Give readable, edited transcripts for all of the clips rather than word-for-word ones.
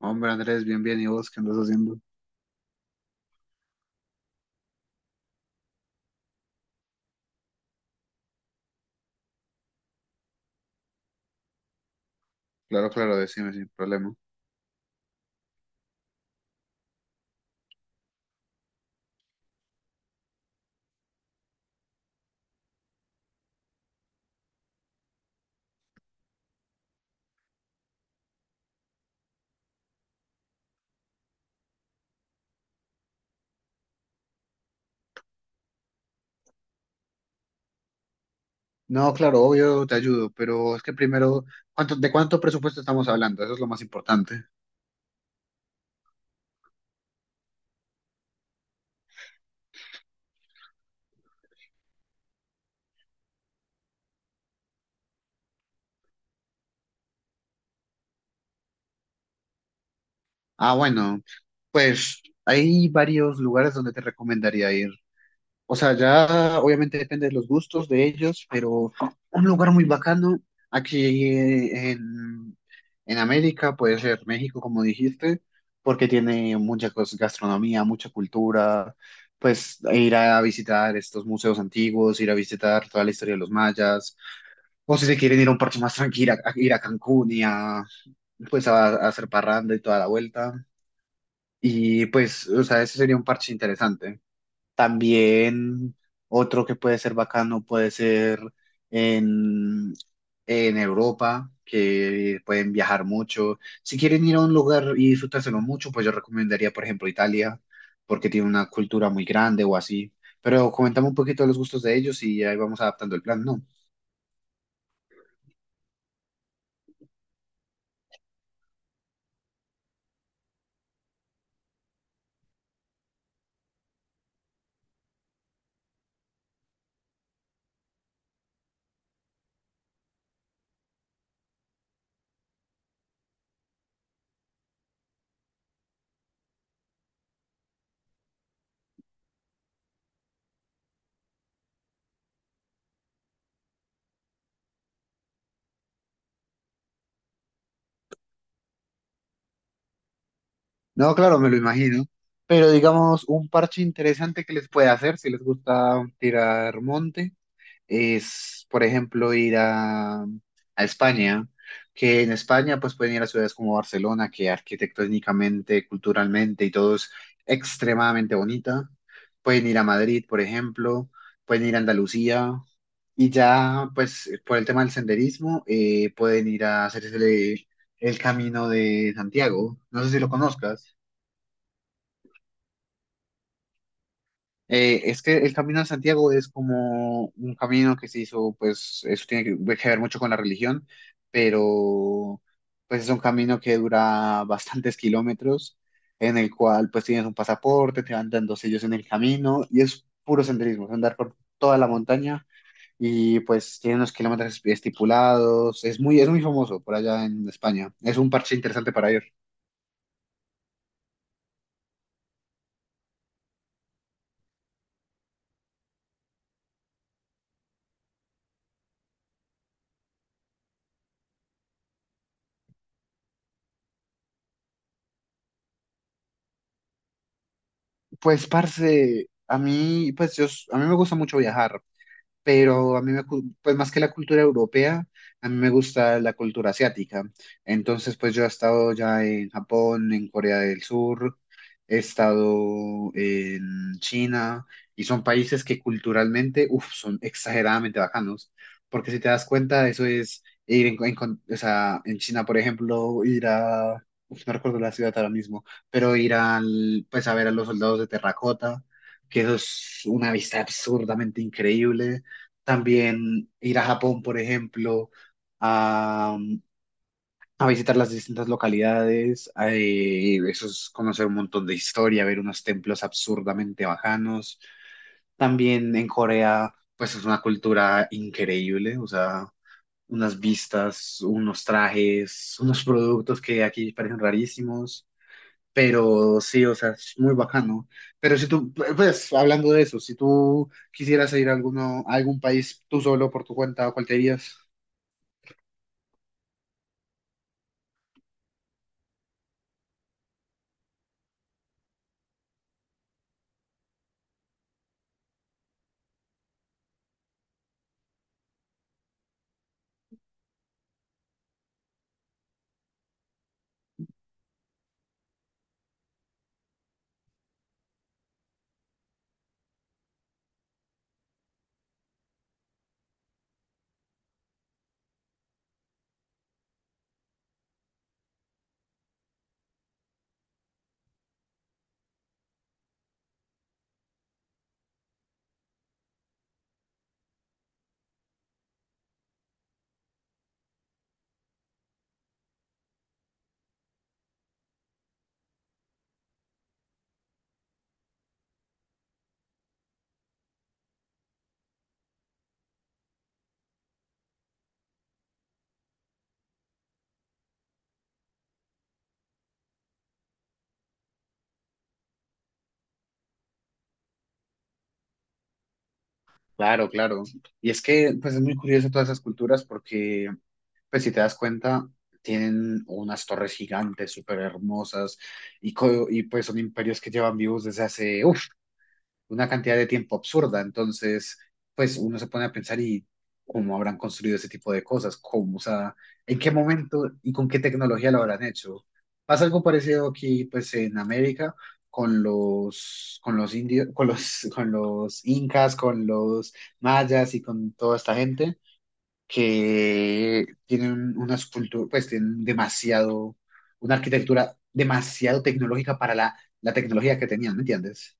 Hombre, Andrés, bien, bien, ¿y vos qué andas haciendo? Claro, claro, decime sin problema. No, claro, obvio, te ayudo, pero es que primero, ¿cuánto, de cuánto presupuesto estamos hablando? Eso es lo más importante. Ah, bueno, pues hay varios lugares donde te recomendaría ir. O sea, ya obviamente depende de los gustos de ellos, pero un lugar muy bacano aquí en América puede ser México, como dijiste, porque tiene gastronomía, mucha cultura, pues e ir a visitar estos museos antiguos, ir a visitar toda la historia de los mayas, o si se quieren ir a un parche más tranquilo, a ir a Cancún y a, pues a hacer parranda y toda la vuelta. Y pues, o sea, ese sería un parche interesante. También otro que puede ser bacano puede ser en, en Europa, que pueden viajar mucho. Si quieren ir a un lugar y disfrutárselo mucho, pues yo recomendaría, por ejemplo, Italia, porque tiene una cultura muy grande o así. Pero comentame un poquito de los gustos de ellos y ahí vamos adaptando el plan, ¿no? No, claro, me lo imagino. Pero digamos, un parche interesante que les puede hacer si les gusta tirar monte es, por ejemplo, ir a España, que en España pues pueden ir a ciudades como Barcelona, que arquitectónicamente, culturalmente y todo es extremadamente bonita. Pueden ir a Madrid, por ejemplo, pueden ir a Andalucía y ya pues por el tema del senderismo pueden ir a hacerse el Camino de Santiago. No sé si lo conozcas. Es que el Camino de Santiago es como un camino que se hizo, pues eso tiene que ver mucho con la religión, pero pues es un camino que dura bastantes kilómetros, en el cual pues tienes un pasaporte, te van dando sellos en el camino y es puro senderismo, es andar por toda la montaña y pues tiene unos kilómetros estipulados, es muy famoso por allá en España, es un parche interesante para ir. Pues, parce, a mí, pues yo, a mí me gusta mucho viajar, pero a mí pues más que la cultura europea, a mí me gusta la cultura asiática. Entonces, pues yo he estado ya en Japón, en Corea del Sur, he estado en China, y son países que culturalmente, uf, son exageradamente bacanos, porque si te das cuenta, eso es ir o sea, en China, por ejemplo, ir a, uf, no recuerdo la ciudad ahora mismo, pero ir al, pues a ver a los soldados de terracota, que eso es una vista absurdamente increíble. También ir a Japón, por ejemplo, a, a visitar las distintas localidades, a, eso es conocer un montón de historia, ver unos templos absurdamente bajanos. También en Corea, pues es una cultura increíble, o sea, unas vistas, unos trajes, unos productos que aquí parecen rarísimos. Pero sí, o sea, es muy bacano. Pero si tú, pues, hablando de eso, si tú quisieras ir a, alguno, a algún país tú solo por tu cuenta, ¿cuál te irías? Claro, claro. Y es que, pues, es muy curioso todas esas culturas porque, pues, si te das cuenta, tienen unas torres gigantes, súper hermosas, y, pues son imperios que llevan vivos desde hace, uff, una cantidad de tiempo absurda. Entonces, pues uno se pone a pensar y cómo habrán construido ese tipo de cosas, cómo, o sea, en qué momento y con qué tecnología lo habrán hecho. Pasa algo parecido aquí, pues, en América con con los indios, con con los incas, con los mayas y con toda esta gente que tienen una escultura, pues tienen demasiado, una arquitectura demasiado tecnológica para la, la tecnología que tenían, ¿me entiendes?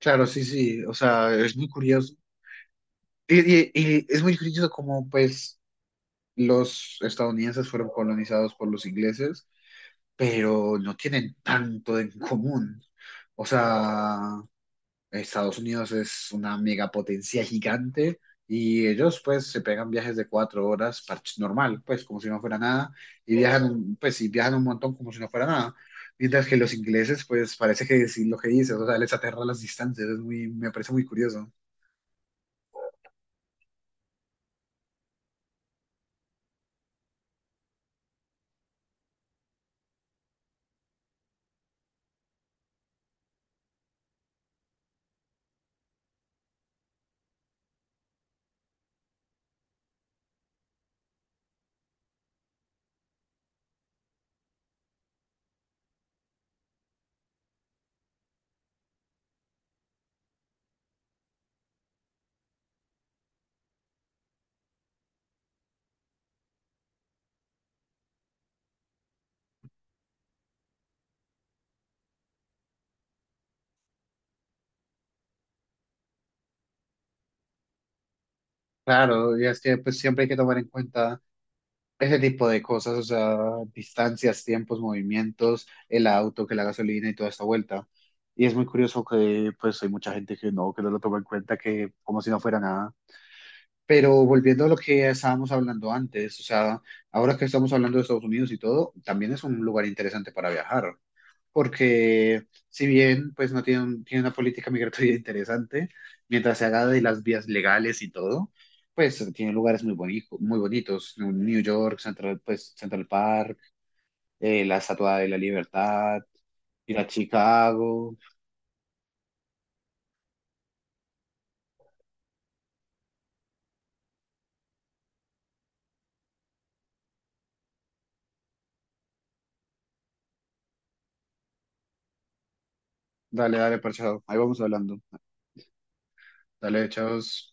Claro, sí, sí, o sea, es muy curioso. Y es muy curioso cómo, pues, los estadounidenses fueron colonizados por los ingleses, pero no tienen tanto en común. O sea, Estados Unidos es una megapotencia gigante y ellos, pues, se pegan viajes de 4 horas, normal, pues, como si no fuera nada, y pues, y viajan un montón como si no fuera nada. Mientras que los ingleses, pues, parece que sí lo que dices, o sea, les aterra las distancias, es muy, me parece muy curioso. Claro, y es que pues siempre hay que tomar en cuenta ese tipo de cosas, o sea, distancias, tiempos, movimientos, el auto, que la gasolina y toda esta vuelta. Y es muy curioso que pues hay mucha gente que no lo toma en cuenta, que como si no fuera nada. Pero volviendo a lo que estábamos hablando antes, o sea, ahora que estamos hablando de Estados Unidos y todo, también es un lugar interesante para viajar porque si bien pues no tiene, un- tiene una política migratoria interesante, mientras se haga de las vías legales y todo, pues tiene lugares muy bonitos, ¿no? New York, pues, Central Park, la Estatua de la Libertad, ir a Chicago, dale, dale, parchado, ahí vamos hablando, dale, chavos.